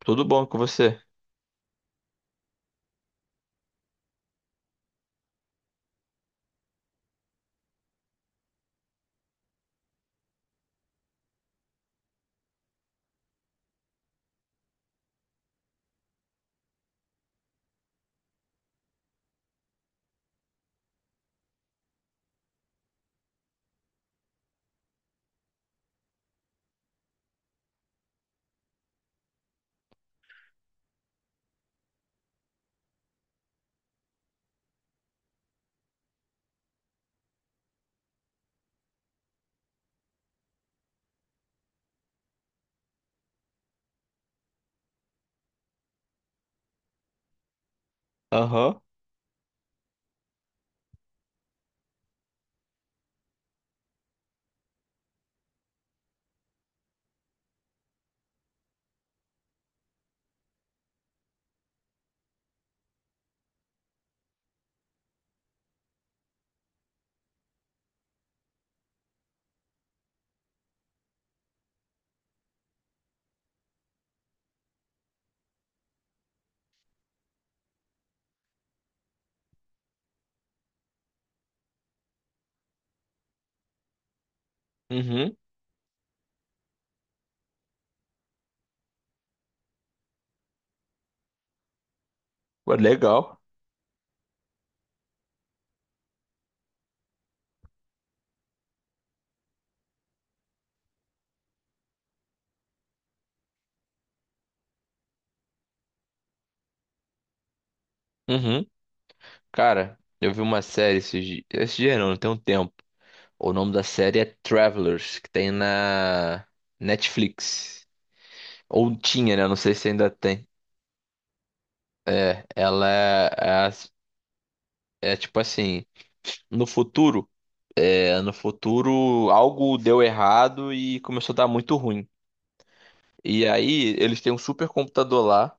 Tudo bom com você? Aham. Uhum. Ué, legal. Uhum. Cara, eu vi uma série esses dias. Esse dia não, tem um tempo. O nome da série é Travelers, que tem na Netflix. Ou tinha, né? Não sei se ainda tem. É, ela é, é, as- É tipo assim, no futuro, no futuro algo deu errado e começou a dar muito ruim. E aí eles têm um super computador lá,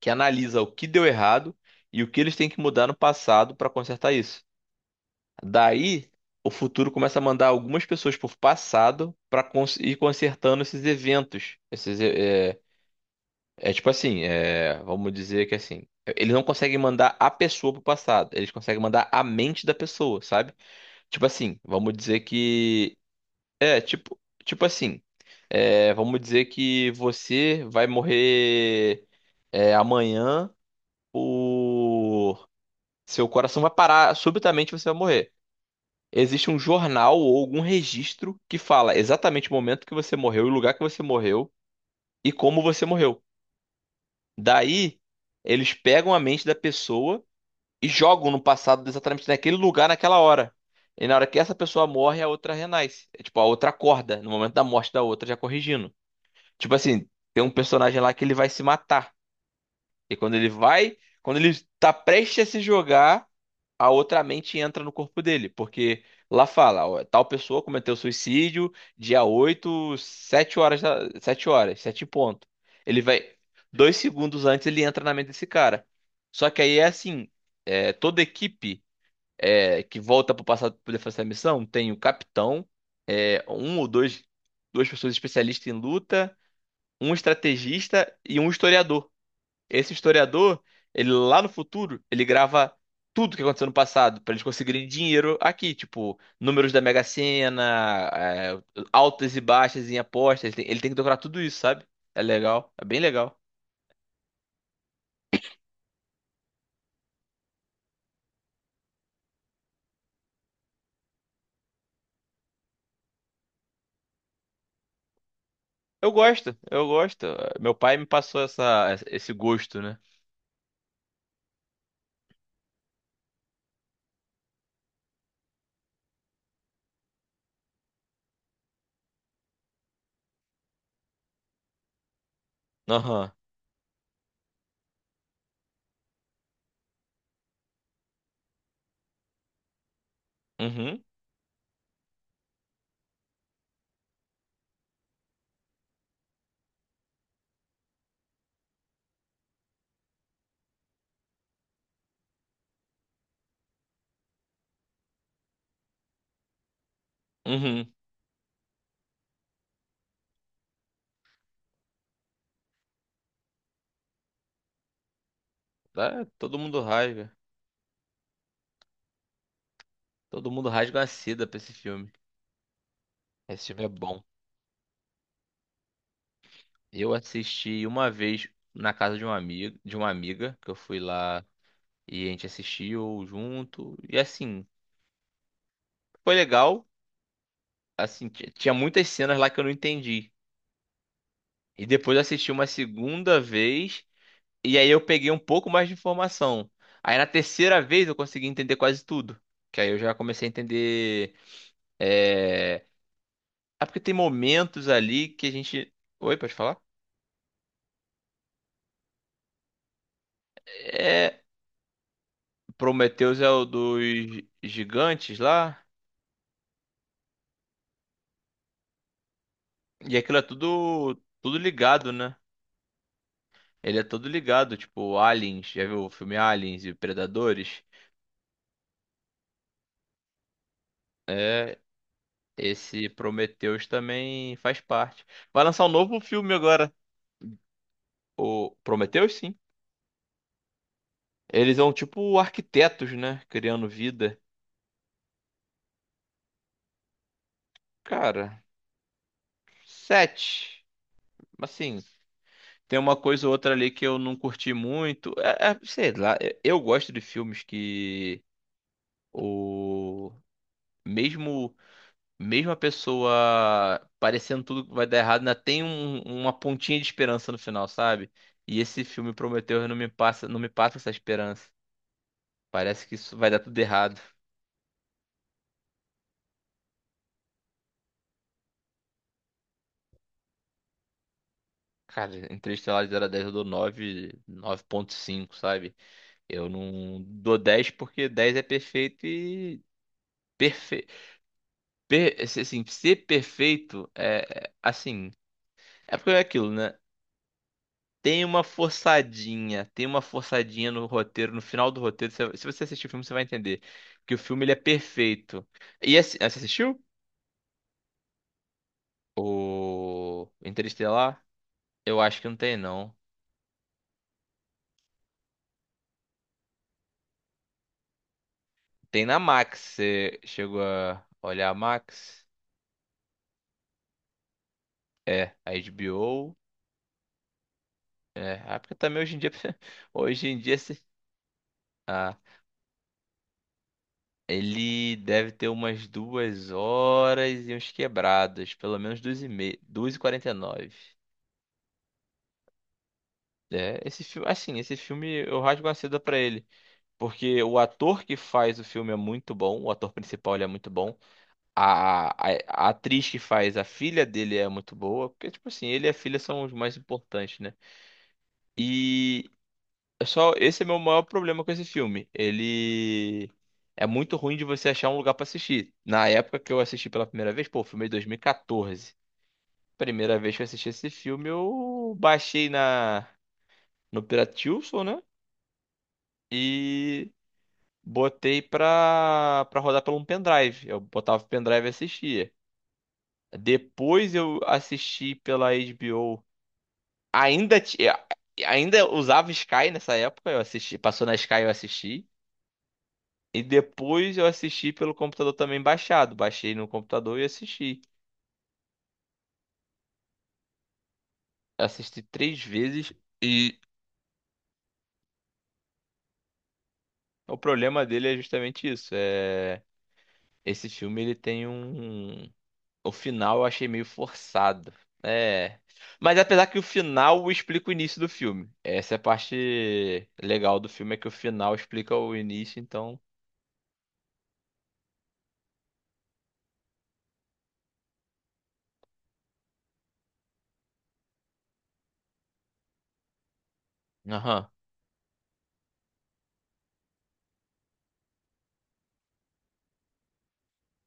que analisa o que deu errado e o que eles têm que mudar no passado para consertar isso. Daí, o futuro começa a mandar algumas pessoas por passado para ir consertando esses eventos. É tipo assim, vamos dizer que assim. Eles não conseguem mandar a pessoa pro passado, eles conseguem mandar a mente da pessoa, sabe? Tipo assim, vamos dizer que. É, tipo, tipo assim. Vamos dizer que você vai morrer, amanhã. Por Seu coração vai parar, subitamente você vai morrer. Existe um jornal ou algum registro que fala exatamente o momento que você morreu, o lugar que você morreu e como você morreu. Daí, eles pegam a mente da pessoa e jogam no passado exatamente naquele lugar, naquela hora. E na hora que essa pessoa morre, a outra renasce. É tipo, a outra acorda no momento da morte da outra, já corrigindo. Tipo assim, tem um personagem lá que ele vai se matar. E quando ele vai, quando ele tá prestes a se jogar, a outra mente entra no corpo dele, porque lá fala, ó, tal pessoa cometeu suicídio dia oito 7 horas, 7 horas, 7 em ponto. Ele vai, dois segundos antes ele entra na mente desse cara. Só que aí é assim, toda equipe, que volta pro passado para poder fazer essa missão, tem o capitão, um ou dois, duas pessoas especialistas em luta, um estrategista e um historiador. Esse historiador, ele lá no futuro, ele grava tudo que aconteceu no passado pra eles conseguirem dinheiro aqui, tipo, números da Mega Sena, altas e baixas em apostas, ele tem que decorar tudo isso, sabe? É legal, é bem legal. Eu gosto. Meu pai me passou esse gosto, né? Aham. Uhum. Uhum. Ah, todo mundo rasga. Todo mundo rasga uma seda pra esse filme. Esse filme é bom. Eu assisti uma vez na casa de um amigo, de uma amiga, que eu fui lá, e a gente assistiu junto. E assim, foi legal. Assim, tinha muitas cenas lá que eu não entendi. E depois eu assisti uma segunda vez. E aí eu peguei um pouco mais de informação. Aí na terceira vez eu consegui entender quase tudo. Que aí eu já comecei a entender. É, é porque tem momentos ali que a gente. Oi, pode falar? É. Prometheus é o dos gigantes lá. E aquilo é tudo, tudo ligado, né? Ele é todo ligado, tipo, Aliens, já viu o filme Aliens e Predadores? É, esse Prometheus também faz parte. Vai lançar um novo filme agora, o Prometheus, sim. Eles são tipo arquitetos, né? Criando vida. Cara, sete. Assim, tem uma coisa ou outra ali que eu não curti muito. Sei lá, eu gosto de filmes que o mesmo mesmo a pessoa parecendo tudo que vai dar errado, ainda tem uma pontinha de esperança no final, sabe? E esse filme Prometeu não me passa, não me passa essa esperança. Parece que isso vai dar tudo errado. Cara, Interestelar de 0 a 10 eu dou 9, 9,5, sabe? Eu não dou 10 porque 10 é perfeito e perfe... assim, ser perfeito é assim, é porque é aquilo, né? Tem uma forçadinha no roteiro, no final do roteiro. Se você assistir o filme, você vai entender. Que o filme ele é perfeito. Você assistiu? O Interestelar? Eu acho que não tem, não. Tem na Max. Você chegou a olhar a Max? É, a HBO. Porque também hoje em dia. Hoje em dia. Ah, ele deve ter umas duas horas e uns quebrados. Pelo menos duas e meia. Duas e quarenta e nove. É, esse filme, assim, esse filme eu rasgo a seda pra ele, porque o ator que faz o filme é muito bom, o ator principal ele é muito bom, a atriz que faz a filha dele é muito boa, porque tipo assim, ele e a filha são os mais importantes, né? E é só esse é meu maior problema com esse filme, ele é muito ruim de você achar um lugar pra assistir. Na época que eu assisti pela primeira vez, pô, o filme é de 2014. Primeira vez que eu assisti esse filme, eu baixei na no Piratilson, né? E botei pra rodar pelo um pendrive. Eu botava o pendrive e assistia. Depois eu assisti pela HBO. Ainda, ainda usava Sky nessa época, eu assisti, passou na Sky eu assisti. E depois eu assisti pelo computador também baixado. Baixei no computador e assisti. Assisti três vezes e o problema dele é justamente isso. É... esse filme ele tem um. O final eu achei meio forçado. É. Mas apesar que o final explica o início do filme. Essa é a parte legal do filme, é que o final explica o início, então. Aham.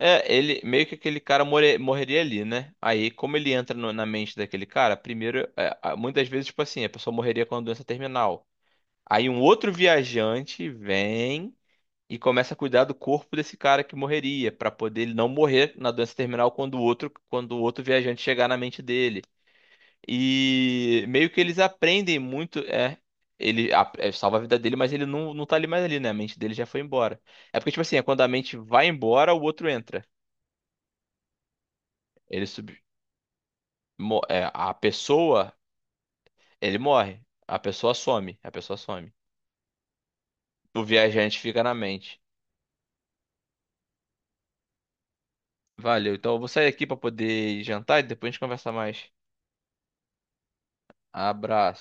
É, ele meio que aquele cara morreria ali, né? Aí, como ele entra na mente daquele cara, primeiro, muitas vezes, tipo assim, a pessoa morreria com a doença terminal. Aí um outro viajante vem e começa a cuidar do corpo desse cara que morreria, pra poder ele não morrer na doença terminal quando o outro viajante chegar na mente dele. E meio que eles aprendem muito, é. É, salva a vida dele, mas ele não, não tá ali mais ali, né? A mente dele já foi embora. É porque, tipo assim, é quando a mente vai embora, o outro entra. Ele sub, é, a pessoa, ele morre. A pessoa some. A pessoa some. O viajante fica na mente. Valeu. Então eu vou sair aqui pra poder jantar e depois a gente conversa mais. Abraço.